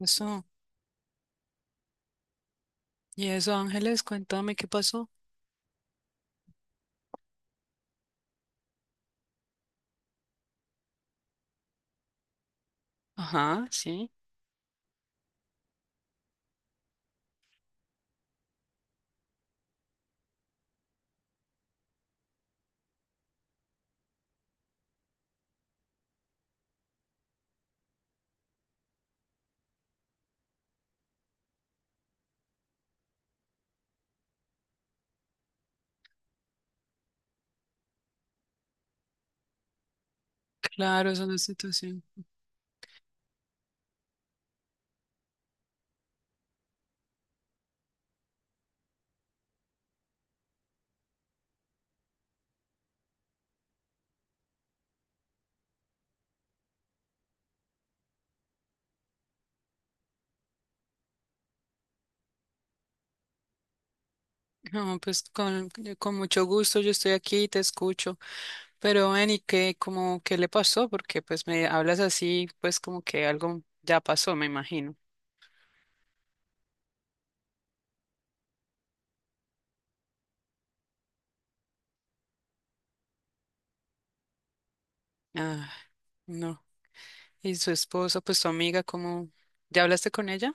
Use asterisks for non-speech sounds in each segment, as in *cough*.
Eso. Y eso, Ángeles, cuéntame qué pasó. Ajá, sí. Claro, es una situación. No, pues con mucho gusto yo estoy aquí y te escucho. Pero ven, ¿y qué, como, qué le pasó? Porque pues me hablas así, pues como que algo ya pasó, me imagino. Ah, no. Y su esposa, pues su amiga, ¿cómo? ¿Ya hablaste con ella?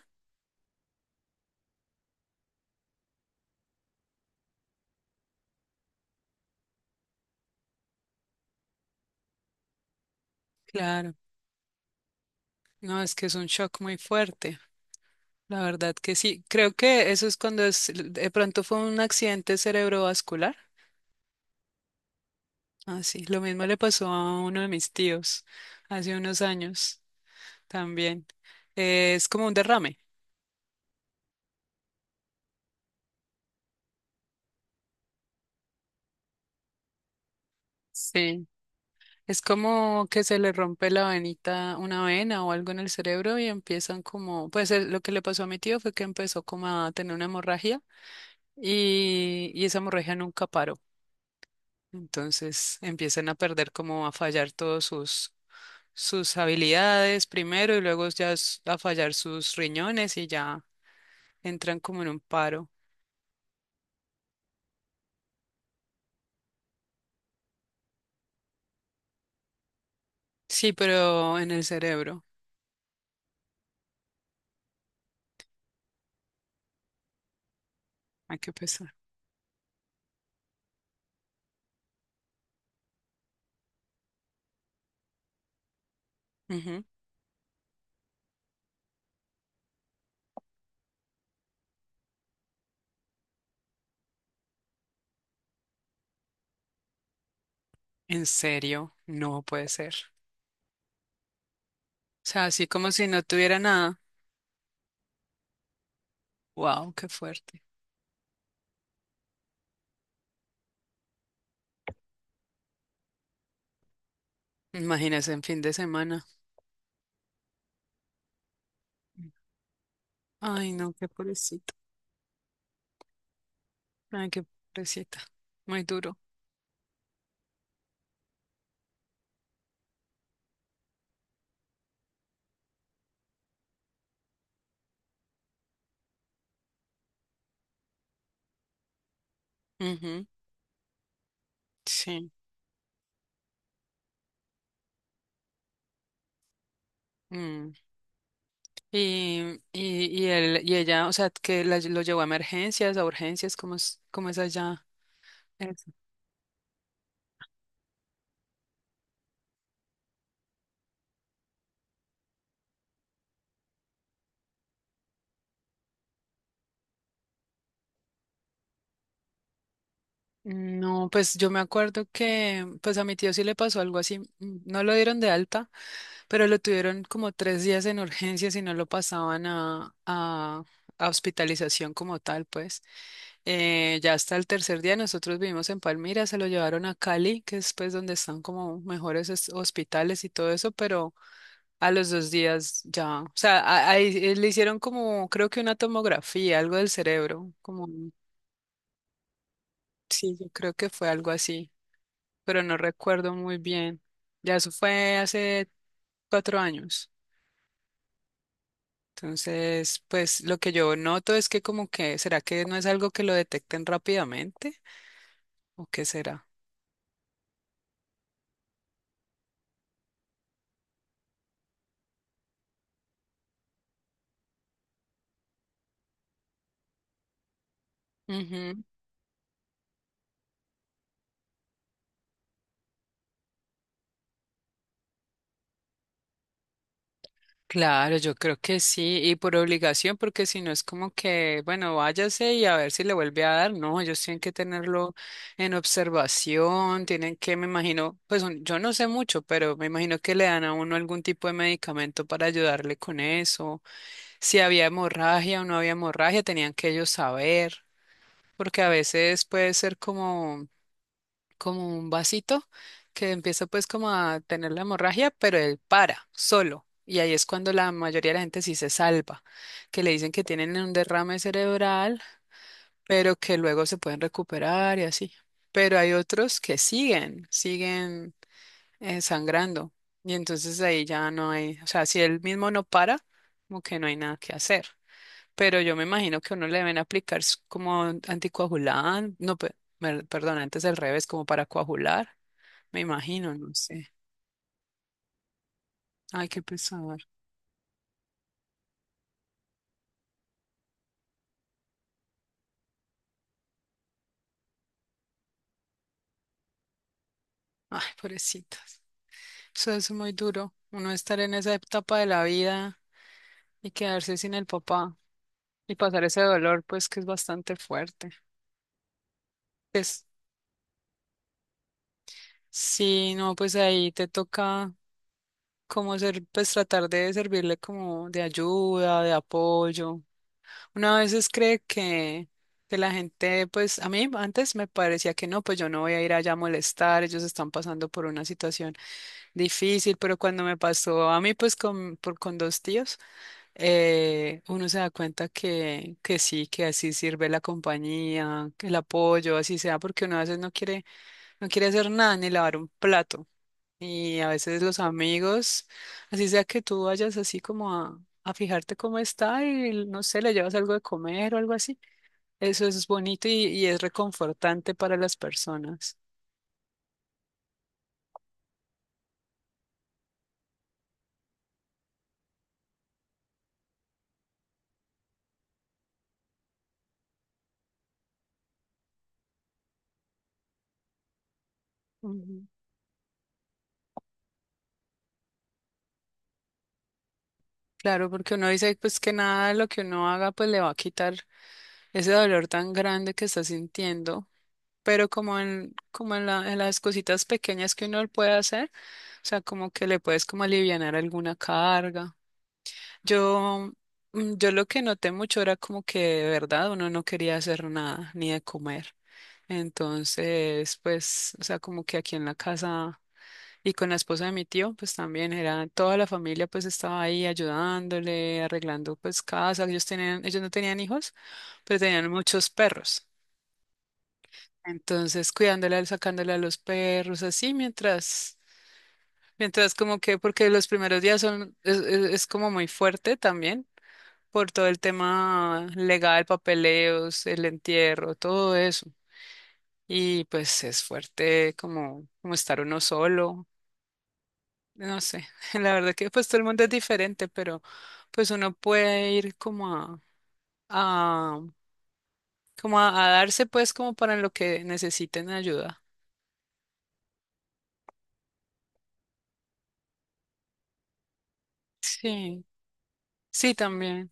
Claro. No, es que es un shock muy fuerte. La verdad que sí. Creo que eso es cuando es, de pronto fue un accidente cerebrovascular. Ah, sí, lo mismo le pasó a uno de mis tíos hace unos años también. Es como un derrame. Sí, es como que se le rompe la venita, una vena o algo en el cerebro y empiezan como, pues lo que le pasó a mi tío fue que empezó como a tener una hemorragia y esa hemorragia nunca paró. Entonces empiezan a perder como a fallar todos sus habilidades primero y luego ya s- a fallar sus riñones y ya entran como en un paro. Sí, pero en el cerebro, hay que pensar. Ujú. En serio, no puede ser. O sea, así como si no tuviera nada. Wow, qué fuerte. Imagínese en fin de semana. Ay, no, qué pobrecito. Ay, qué pobrecita. Muy duro. Ujú. Sí. Mm. Y él, y ella, o sea, que la, lo llevó a emergencias, a urgencias, cómo es allá? Eso. No, pues yo me acuerdo que, pues a mi tío sí le pasó algo así. No lo dieron de alta. Pero lo tuvieron como tres días en urgencias y no lo pasaban a hospitalización como tal, pues. Ya hasta el tercer día, nosotros vivimos en Palmira, se lo llevaron a Cali, que es pues donde están como mejores es- hospitales y todo eso, pero a los dos días ya, o sea, a- ahí le hicieron como, creo que una tomografía, algo del cerebro, como, sí, yo creo que fue algo así, pero no recuerdo muy bien. Ya eso fue hace cuatro años. Entonces, pues lo que yo noto es que como que, ¿será que no es algo que lo detecten rápidamente? ¿O qué será? Ujú. Claro, yo creo que sí, y por obligación, porque si no es como que, bueno, váyase y a ver si le vuelve a dar. No, ellos tienen que tenerlo en observación, tienen que, me imagino, pues un- yo no sé mucho, pero me imagino que le dan a uno algún tipo de medicamento para ayudarle con eso. Si había hemorragia o no había hemorragia, tenían que ellos saber. Porque a veces puede ser como, como un vasito que empieza pues como a tener la hemorragia, pero él para solo. Y ahí es cuando la mayoría de la gente sí se salva, que le dicen que tienen un derrame cerebral, pero que luego se pueden recuperar y así. Pero hay otros que siguen, siguen sangrando. Y entonces ahí ya no hay, o sea, si él mismo no para, como que no hay nada que hacer. Pero yo me imagino que uno le deben aplicar s- como anticoagulante, no, pe- mer- perdón, antes al revés, como para coagular, me imagino, no sé. Ay, qué pesar. Ay, pobrecitas. Eso es muy duro. Uno estar en esa etapa de la vida y quedarse sin el papá y pasar ese dolor, pues que es bastante fuerte. Es, sí, no, pues ahí te toca como ser, pues tratar de servirle como de ayuda, de apoyo. Una a veces cree que la gente, pues a mí antes me parecía que no, pues yo no voy a ir allá a molestar, ellos están pasando por una situación difícil, pero cuando me pasó a mí, pues con, por, con dos tíos, uno se da cuenta que sí, que así sirve la compañía, que el apoyo, así sea, porque uno a veces no quiere, no quiere hacer nada ni lavar un plato. Y a veces los amigos, así sea que tú vayas así como a fijarte cómo está y no sé, le llevas algo de comer o algo así, eso es bonito y es reconfortante para las personas. Ujú. Claro, porque uno dice pues que nada de lo que uno haga pues le va a quitar ese dolor tan grande que está sintiendo. Pero como en, como en la- en las cositas pequeñas que uno puede hacer, o sea, como que le puedes como alivianar alguna carga. Yo, yo lo que noté mucho era como que de verdad uno no quería hacer nada, ni de comer. Entonces, pues, o sea, como que aquí en la casa y con la esposa de mi tío, pues también era toda la familia, pues estaba ahí ayudándole, arreglando pues casa. Ellos tenían, ellos no tenían hijos, pero tenían muchos perros. Entonces, cuidándola, sacándola a los perros, así mientras, mientras como que, porque los primeros días son, es como muy fuerte también por todo el tema legal, papeleos, el entierro, todo eso. Y pues es fuerte como, como estar uno solo, no sé, *laughs* la verdad que pues todo el mundo es diferente, pero pues uno puede ir a como a darse pues como para lo que necesiten ayuda. Sí, sí también.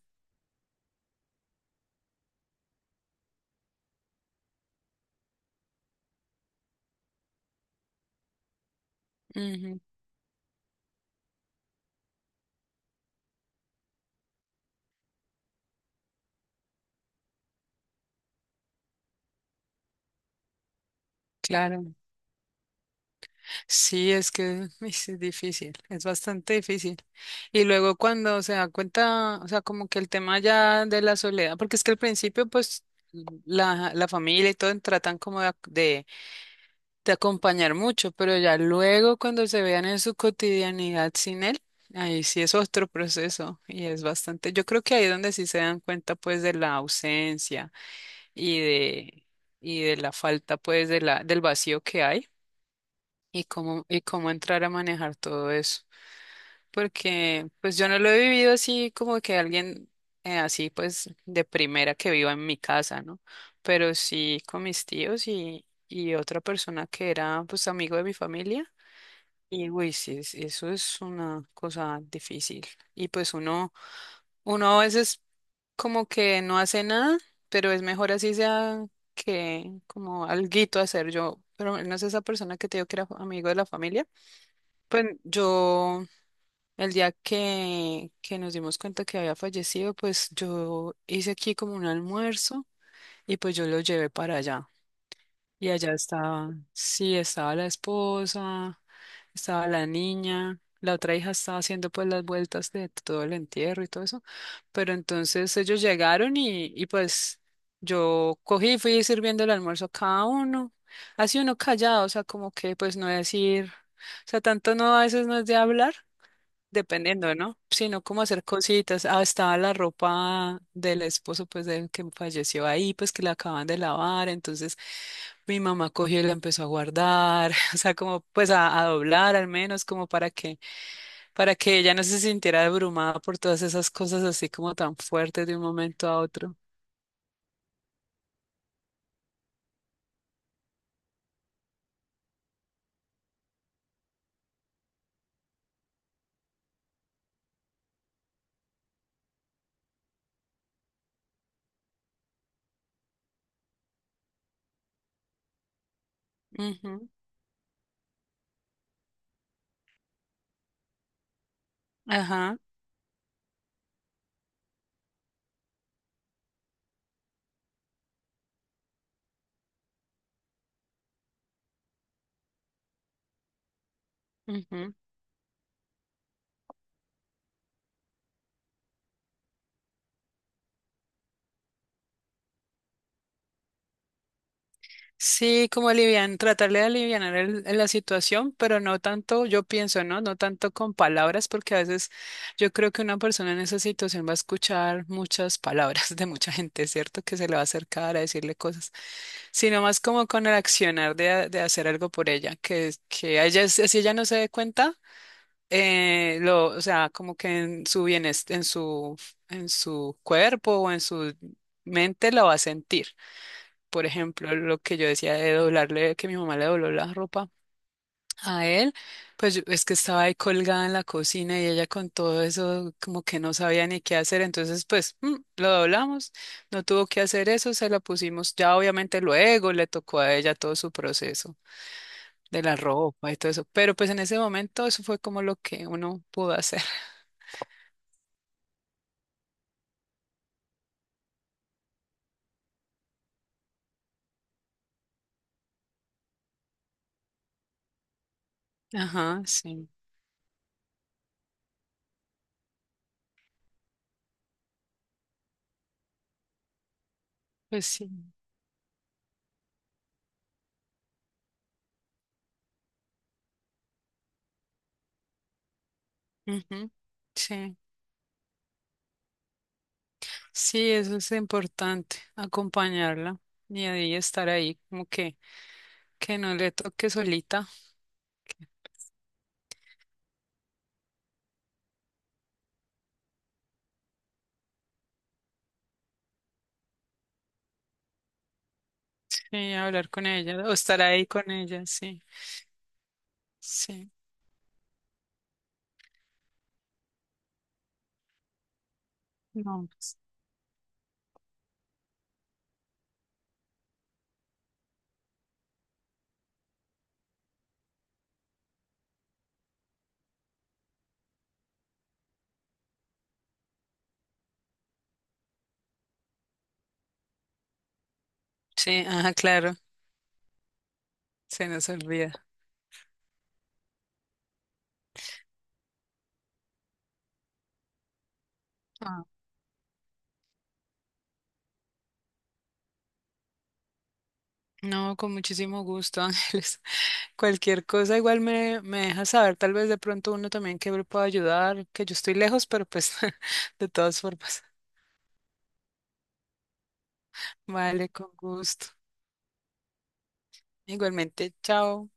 Claro, sí, es que *laughs* uy, sí, es difícil, es bastante difícil. Y luego cuando se da cuenta, o sea, como que el tema ya de la soledad, porque es que al principio, pues, la familia y todo tratan como de, ac- de acompañar mucho, pero ya luego cuando se vean en su cotidianidad sin él, ahí sí es otro proceso y es bastante, yo creo que ahí es donde sí se dan cuenta, pues, de la ausencia y de, y de la falta, pues, de la, del vacío que hay. Y cómo, y cómo entrar a manejar todo eso. Porque pues yo no lo he vivido así como que alguien así pues de primera que viva en mi casa, ¿no? Pero sí con mis tíos y otra persona que era pues amigo de mi familia. Y uy, sí, es- eso es una cosa difícil. Y pues uno, uno a veces como que no hace nada, pero es mejor así sea que como alguito hacer yo. Pero no es esa persona que te digo que era amigo de la familia. Pues yo, el día que nos dimos cuenta que había fallecido, pues yo hice aquí como un almuerzo y pues yo lo llevé para allá. Y allá estaba, sí, estaba la esposa, estaba la niña, la otra hija estaba haciendo pues las vueltas de todo el entierro y todo eso. Pero entonces ellos llegaron y pues yo cogí y fui sirviendo el almuerzo a cada uno. Así uno callado, o sea, como que pues no decir, o sea, tanto no, a veces no es de hablar. Dependiendo, ¿no? Sino como hacer cositas. Ah, estaba la ropa del esposo, pues, del que falleció ahí, pues, que la acaban de lavar. Entonces, mi mamá cogió y la empezó a guardar, *laughs* o sea, como, pues, a doblar al menos, como para que ella no se sintiera abrumada por todas esas cosas así como tan fuertes de un momento a otro. Ujú. Ajá. Ujú. Sí, como alivian, tratarle de alivianar el- la situación, pero no tanto, yo pienso, ¿no? No tanto con palabras, porque a veces yo creo que una persona en esa situación va a escuchar muchas palabras *laughs* de mucha gente, ¿cierto? Que se le va a acercar a decirle cosas, sino más como con el accionar de, a- de hacer algo por ella, que a ella, si ella no se dé cuenta, lo, o sea, como que en su bienestar, en en su cuerpo o en su mente lo va a sentir. Por ejemplo, lo que yo decía de doblarle, que mi mamá le dobló la ropa a él, pues yo- es que estaba ahí colgada en la cocina y ella con todo eso como que no sabía ni qué hacer, entonces pues lo doblamos, no tuvo que hacer eso, se la pusimos, ya obviamente luego le tocó a ella todo su proceso de la ropa y todo eso, pero pues en ese momento eso fue como lo que uno pudo hacer. *laughs* Ajá, sí, pues sí. Ujú. Sí. Sí, eso es importante, acompañarla y ahí estar ahí, como que no le toque solita, sí, hablar con ella o estar ahí con ella, sí, sí, no, pues, sí, ah, claro, se nos olvida. Ah, no, con muchísimo gusto, *laughs* Ángeles. Cualquier cosa, igual me, me deja saber, tal vez de pronto uno también que le pueda ayudar, que yo estoy lejos, pero pues *laughs* de todas formas, vale, con gusto. Igualmente, chao.